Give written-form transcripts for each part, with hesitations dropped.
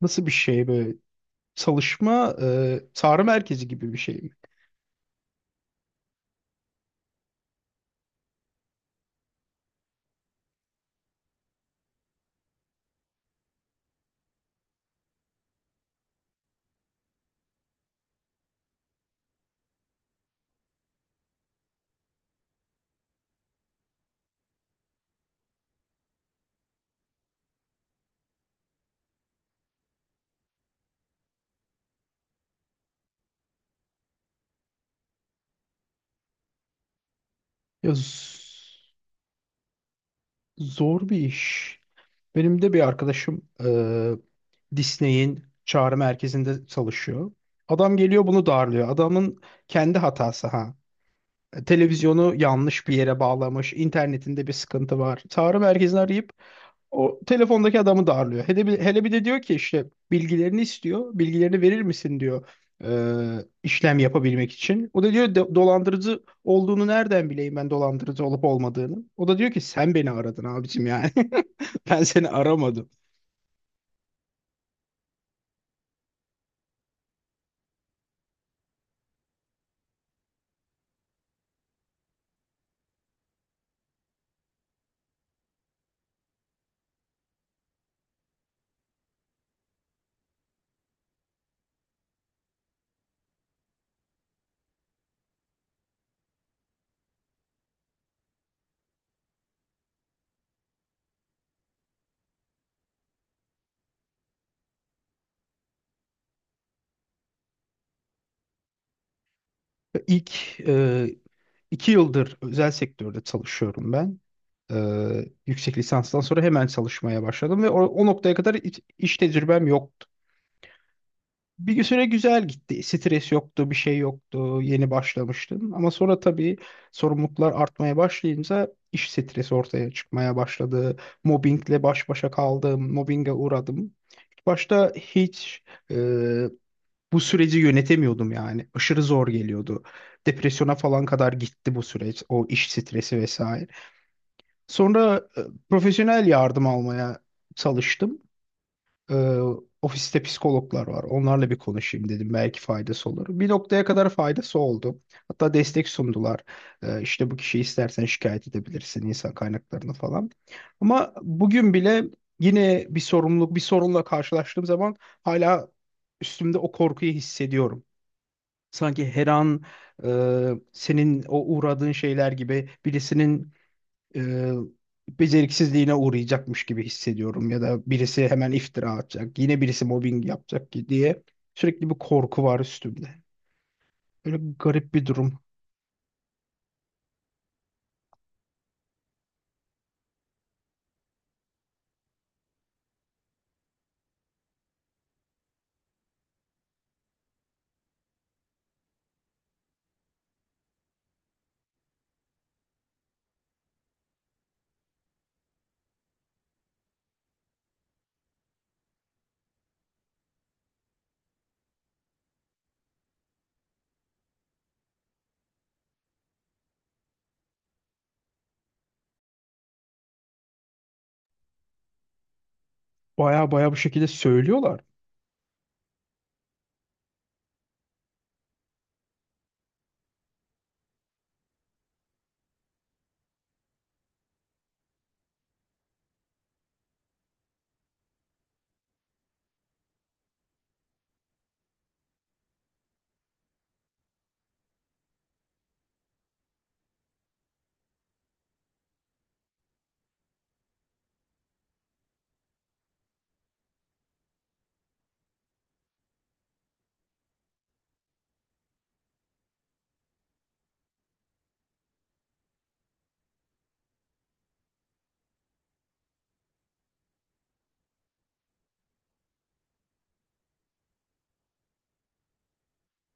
Nasıl bir şey böyle? Çalışma çağrı merkezi gibi bir şey mi? Ya z- Zor bir iş. Benim de bir arkadaşım Disney'in çağrı merkezinde çalışıyor. Adam geliyor bunu darlıyor. Adamın kendi hatası ha. Televizyonu yanlış bir yere bağlamış. İnternetinde bir sıkıntı var. Çağrı merkezini arayıp o telefondaki adamı darlıyor. Hele bir de diyor ki, işte bilgilerini istiyor. "Bilgilerini verir misin?" diyor işlem yapabilmek için. O da diyor, Dolandırıcı olduğunu nereden bileyim ben, dolandırıcı olup olmadığını?" O da diyor ki, "Sen beni aradın abicim yani." Ben seni aramadım. İlk e, İki yıldır özel sektörde çalışıyorum ben. Yüksek lisanstan sonra hemen çalışmaya başladım ve o noktaya kadar iş tecrübem yoktu. Bir süre güzel gitti. Stres yoktu, bir şey yoktu. Yeni başlamıştım. Ama sonra tabii sorumluluklar artmaya başlayınca iş stresi ortaya çıkmaya başladı. Mobbingle baş başa kaldım, mobbinge uğradım. İlk başta hiç e, bu süreci yönetemiyordum yani. Aşırı zor geliyordu. Depresyona falan kadar gitti bu süreç, o iş stresi vesaire. Sonra profesyonel yardım almaya çalıştım. E, Ofiste psikologlar var. Onlarla bir konuşayım dedim. Belki faydası olur. Bir noktaya kadar faydası oldu. Hatta destek sundular. İşte bu kişiyi istersen şikayet edebilirsin, insan kaynaklarını falan. Ama bugün bile yine bir sorumluluk, bir sorunla karşılaştığım zaman hala üstümde o korkuyu hissediyorum. Sanki her an e, senin o uğradığın şeyler gibi birisinin e, beceriksizliğine uğrayacakmış gibi hissediyorum, ya da birisi hemen iftira atacak, yine birisi mobbing yapacak ki diye sürekli bir korku var üstümde. Böyle garip bir durum. Baya baya bu şekilde söylüyorlar.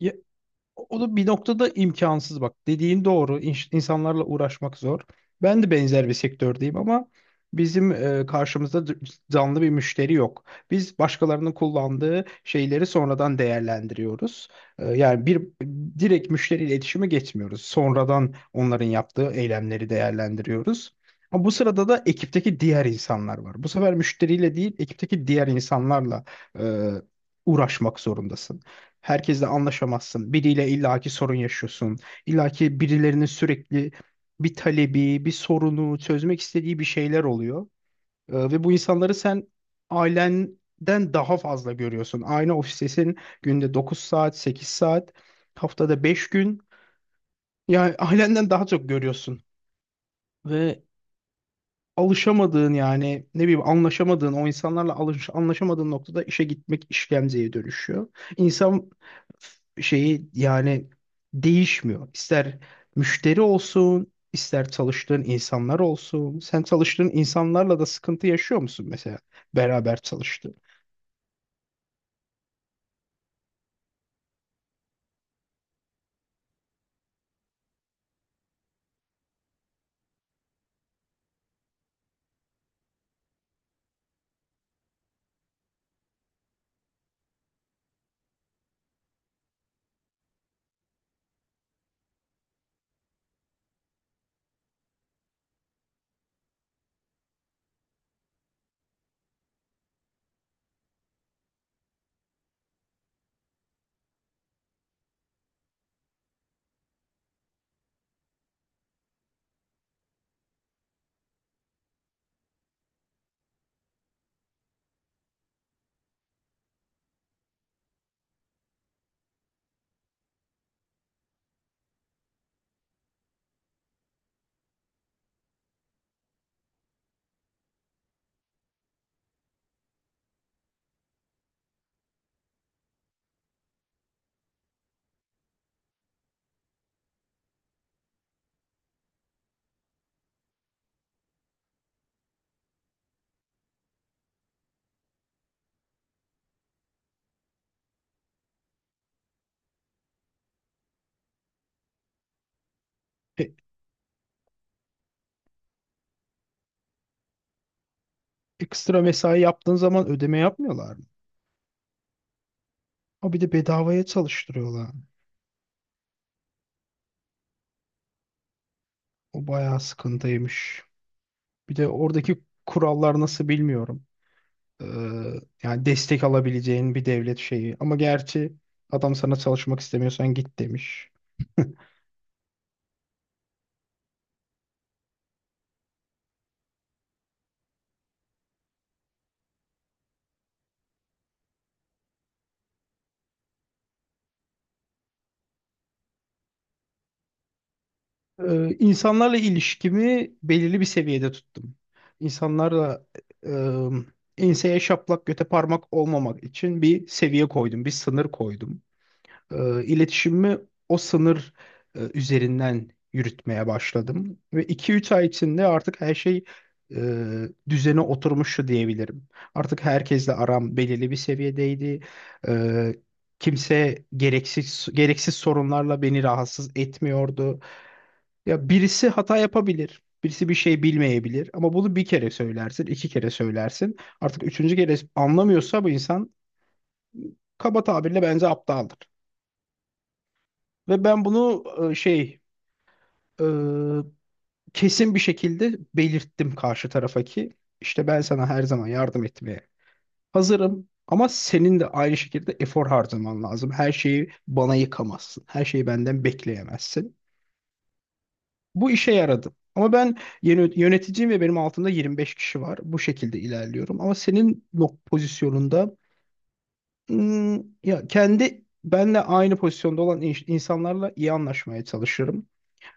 Ya, o da bir noktada imkansız bak. Dediğin doğru. İnsanlarla uğraşmak zor. Ben de benzer bir sektördeyim ama bizim karşımızda canlı bir müşteri yok. Biz başkalarının kullandığı şeyleri sonradan değerlendiriyoruz. Yani bir direkt müşteriyle iletişime geçmiyoruz. Sonradan onların yaptığı eylemleri değerlendiriyoruz. Ama bu sırada da ekipteki diğer insanlar var. Bu sefer müşteriyle değil, ekipteki diğer insanlarla e, uğraşmak zorundasın. Herkesle anlaşamazsın. Biriyle illaki sorun yaşıyorsun. İllaki birilerinin sürekli bir talebi, bir sorunu, çözmek istediği bir şeyler oluyor. Ve bu insanları sen ailenden daha fazla görüyorsun. Aynı ofistesin, günde 9 saat, 8 saat, haftada 5 gün. Yani ailenden daha çok görüyorsun. Ve alışamadığın, yani ne bileyim, anlaşamadığın o insanlarla anlaşamadığın noktada işe gitmek işkenceye dönüşüyor. İnsan şeyi yani değişmiyor. İster müşteri olsun, ister çalıştığın insanlar olsun. Sen çalıştığın insanlarla da sıkıntı yaşıyor musun mesela, beraber çalıştığın? E, Ekstra mesai yaptığın zaman ödeme yapmıyorlar mı? O bir de bedavaya çalıştırıyorlar. O bayağı sıkıntıymış. Bir de oradaki kurallar nasıl bilmiyorum. Ee, Yani destek alabileceğin bir devlet şeyi. Ama gerçi adam sana çalışmak istemiyorsan git demiş. İnsanlarla ilişkimi belirli bir seviyede tuttum. İnsanlarla e, ıı, enseye şaplak göte parmak olmamak için bir seviye koydum, bir sınır koydum. İletişimimi o sınır üzerinden yürütmeye başladım. Ve iki üç ay içinde artık her şey e, düzene oturmuştu diyebilirim. Artık herkesle aram belirli bir seviyedeydi. E, Kimse gereksiz gereksiz sorunlarla beni rahatsız etmiyordu. Ya, birisi hata yapabilir. Birisi bir şey bilmeyebilir, ama bunu bir kere söylersin, iki kere söylersin. Artık üçüncü kere anlamıyorsa bu insan kaba tabirle bence aptaldır. Ve ben bunu e, şey e, kesin bir şekilde belirttim karşı tarafa ki, işte, ben sana her zaman yardım etmeye hazırım ama senin de aynı şekilde efor harcaman lazım. Her şeyi bana yıkamazsın. Her şeyi benden bekleyemezsin. Bu işe yaradı. Ama ben yeni yöneticiyim ve benim altımda 25 kişi var. Bu şekilde ilerliyorum. Ama senin pozisyonunda, hmm, ya kendi, benle aynı pozisyonda olan insanlarla iyi anlaşmaya çalışırım.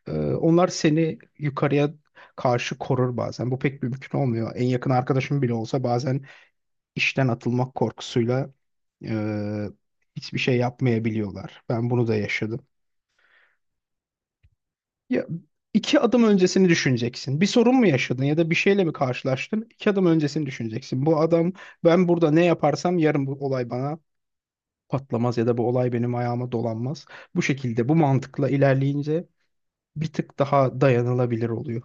Onlar seni yukarıya karşı korur bazen. Bu pek mümkün olmuyor. En yakın arkadaşım bile olsa bazen işten atılmak korkusuyla e, hiçbir şey yapmayabiliyorlar. Ben bunu da yaşadım. Ya, iki adım öncesini düşüneceksin. Bir sorun mu yaşadın, ya da bir şeyle mi karşılaştın? İki adım öncesini düşüneceksin. Bu adam, ben burada ne yaparsam yarın bu olay bana patlamaz ya da bu olay benim ayağıma dolanmaz. Bu şekilde, bu mantıkla ilerleyince bir tık daha dayanılabilir oluyor.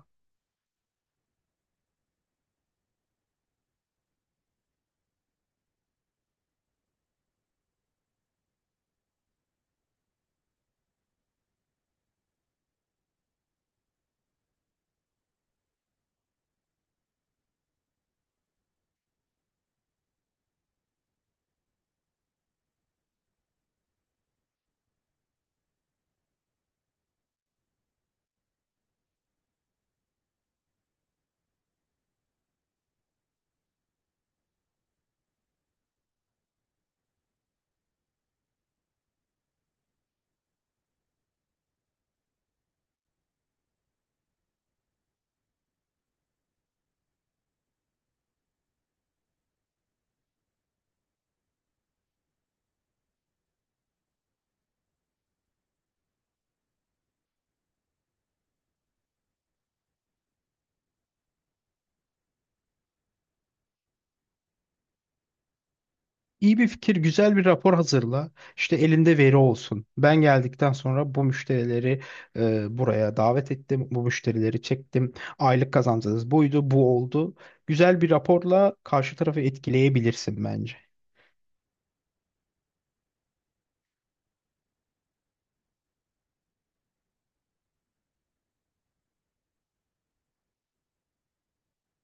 İyi bir fikir, güzel bir rapor hazırla. İşte elinde veri olsun. Ben geldikten sonra bu müşterileri buraya davet ettim. Bu müşterileri çektim. Aylık kazancınız buydu, bu oldu. Güzel bir raporla karşı tarafı etkileyebilirsin bence.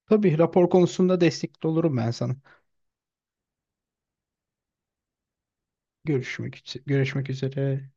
Tabii rapor konusunda destekli olurum ben sana. Görüşmek üzere.